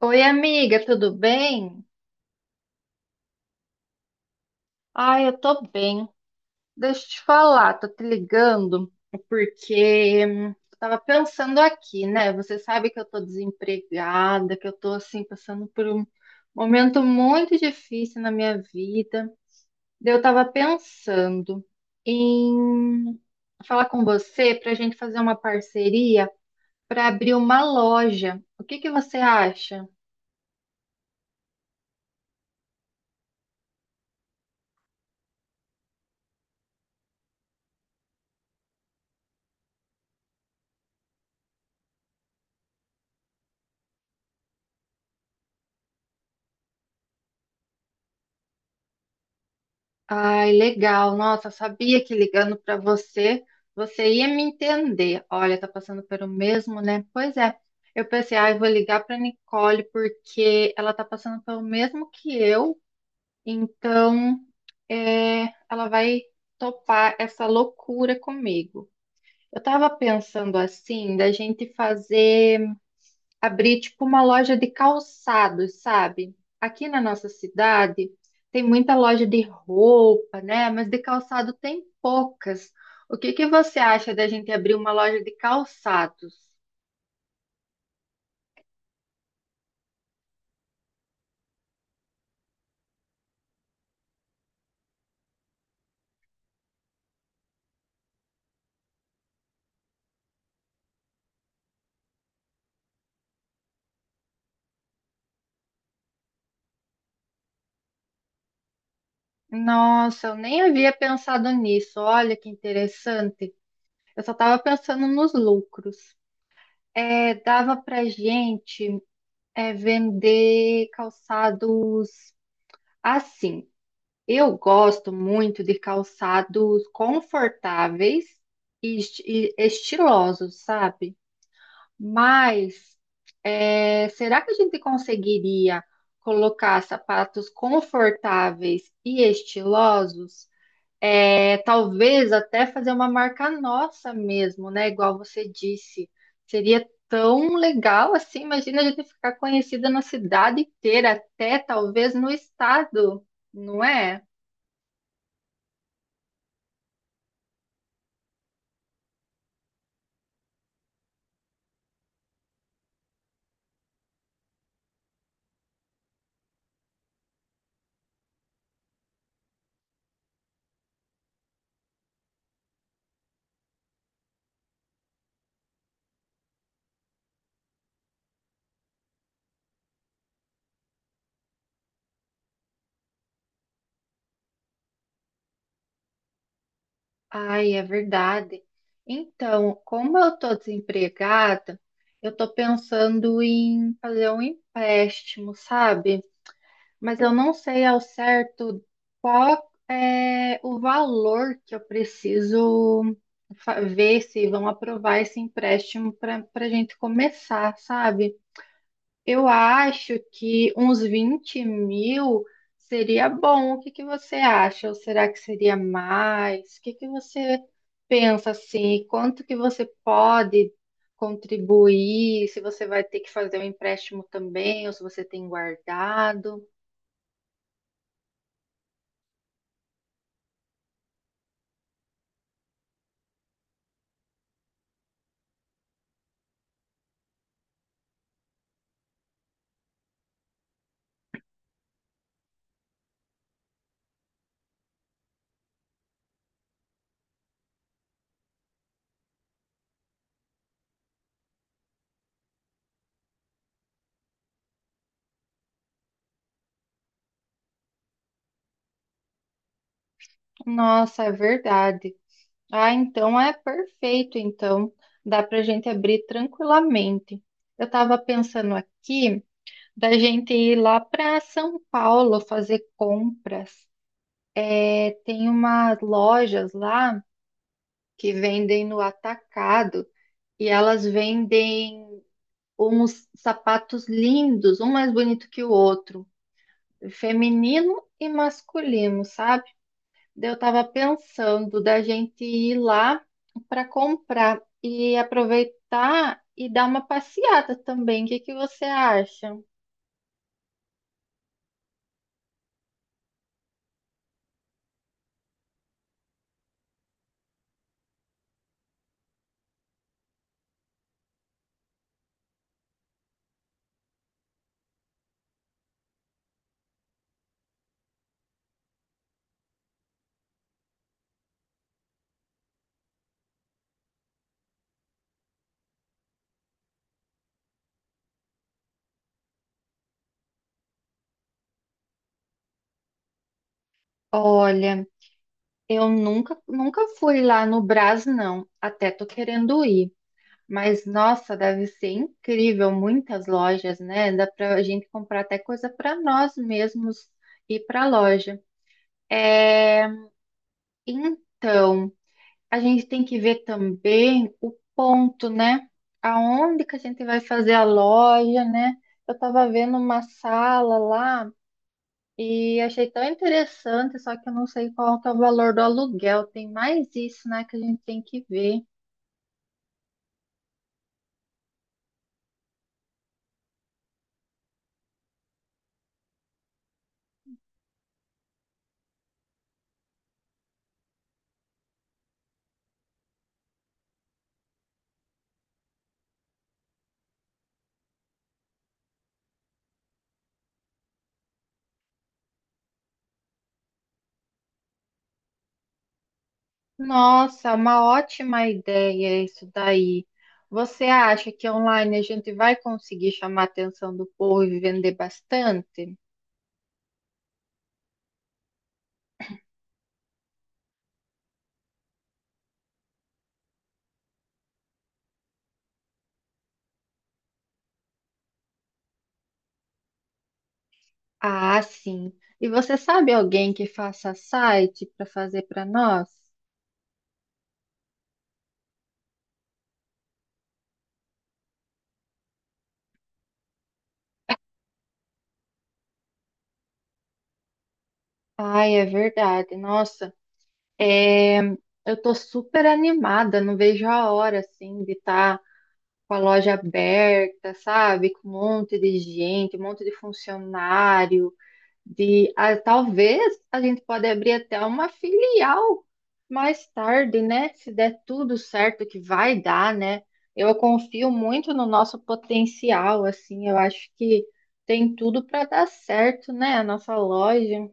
Oi, amiga, tudo bem? Ai, eu tô bem. Deixa eu te falar, tô te ligando porque eu tava pensando aqui, né? Você sabe que eu tô desempregada, que eu tô assim passando por um momento muito difícil na minha vida. Daí eu tava pensando em falar com você pra gente fazer uma parceria pra abrir uma loja. O que que você acha? Ai, legal. Nossa, sabia que ligando para você, você ia me entender. Olha, tá passando pelo mesmo, né? Pois é. Eu pensei, ai, vou ligar para Nicole porque ela tá passando pelo mesmo que eu. Então, é, ela vai topar essa loucura comigo. Eu tava pensando assim, da gente fazer abrir tipo uma loja de calçados, sabe? Aqui na nossa cidade tem muita loja de roupa, né? Mas de calçado tem poucas. O que que você acha da gente abrir uma loja de calçados? Nossa, eu nem havia pensado nisso. Olha que interessante. Eu só estava pensando nos lucros. É, dava pra gente vender calçados assim. Eu gosto muito de calçados confortáveis e e estilosos, sabe? Mas é, será que a gente conseguiria colocar sapatos confortáveis e estilosos? É, talvez até fazer uma marca nossa mesmo, né? Igual você disse. Seria tão legal assim. Imagina a gente ficar conhecida na cidade inteira, até talvez no estado, não é? Ai, é verdade. Então, como eu tô desempregada, eu tô pensando em fazer um empréstimo, sabe? Mas eu não sei ao certo qual é o valor que eu preciso ver se vão aprovar esse empréstimo para a gente começar, sabe? Eu acho que uns 20.000 seria bom. O que que você acha? Ou será que seria mais? O que que você pensa assim? Quanto que você pode contribuir? Se você vai ter que fazer um empréstimo também, ou se você tem guardado? Nossa, é verdade. Ah, então é perfeito. Então dá para gente abrir tranquilamente. Eu estava pensando aqui. Da gente ir lá para São Paulo fazer compras. É, tem umas lojas lá que vendem no atacado e elas vendem uns sapatos lindos, um mais bonito que o outro, feminino e masculino, sabe? Daí eu tava pensando da gente ir lá para comprar e aproveitar e dar uma passeada também. O que que você acha? Olha. Eu nunca, nunca fui lá no Brás, não. Até tô querendo ir. Mas, nossa, deve ser incrível. Muitas lojas, né? Dá pra gente comprar até coisa para nós mesmos ir pra loja. É, então, a gente tem que ver também o ponto, né? Aonde que a gente vai fazer a loja, né? Eu tava vendo uma sala lá e achei tão interessante, só que eu não sei qual que é o valor do aluguel. Tem mais isso, né, que a gente tem que ver. Nossa, uma ótima ideia isso daí. Você acha que online a gente vai conseguir chamar a atenção do povo e vender bastante? Ah, sim. E você sabe alguém que faça site para fazer para nós? Ai, é verdade. Nossa, é, eu tô super animada, não vejo a hora assim de estar com a loja aberta, sabe? Com um monte de gente, um monte de funcionário, de ah, talvez a gente pode abrir até uma filial mais tarde, né? Se der tudo certo que vai dar, né? Eu confio muito no nosso potencial, assim, eu acho que tem tudo para dar certo, né? A nossa loja.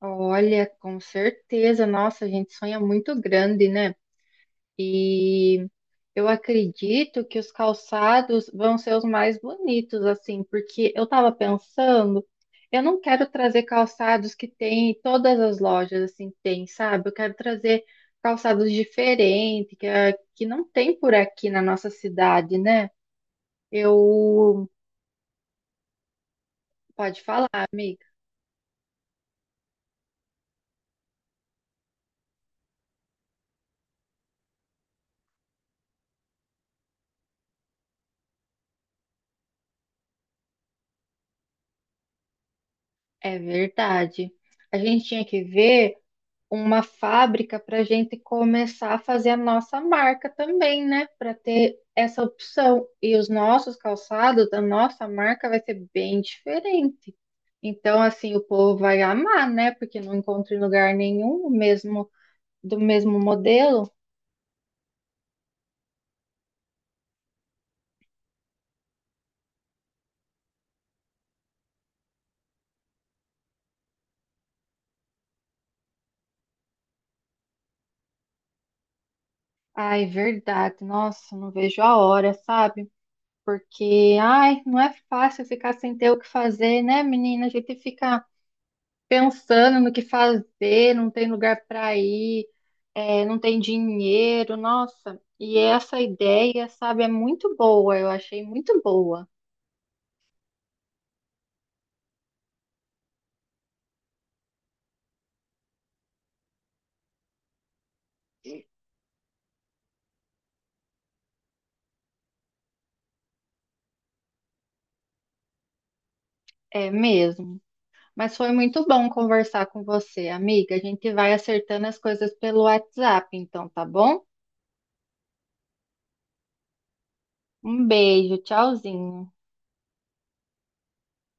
Olha, com certeza, nossa, a gente sonha muito grande, né? E eu acredito que os calçados vão ser os mais bonitos, assim, porque eu tava pensando, eu não quero trazer calçados que tem em todas as lojas, assim, tem, sabe? Eu quero trazer calçados diferentes, que, que não tem por aqui na nossa cidade, né? Eu. Pode falar, amiga. É verdade. A gente tinha que ver. Uma fábrica para a gente começar a fazer a nossa marca também, né? Para ter essa opção. E os nossos calçados, da nossa marca, vai ser bem diferente. Então, assim, o povo vai amar, né? Porque não encontra em lugar nenhum o mesmo do mesmo modelo. Ai, verdade. Nossa, não vejo a hora, sabe? Porque, ai, não é fácil ficar sem ter o que fazer, né, menina? A gente fica pensando no que fazer, não tem lugar para ir, não tem dinheiro, nossa. E essa ideia, sabe, é muito boa, eu achei muito boa, é mesmo. Mas foi muito bom conversar com você, amiga. A gente vai acertando as coisas pelo WhatsApp, então, tá bom? Um beijo, tchauzinho.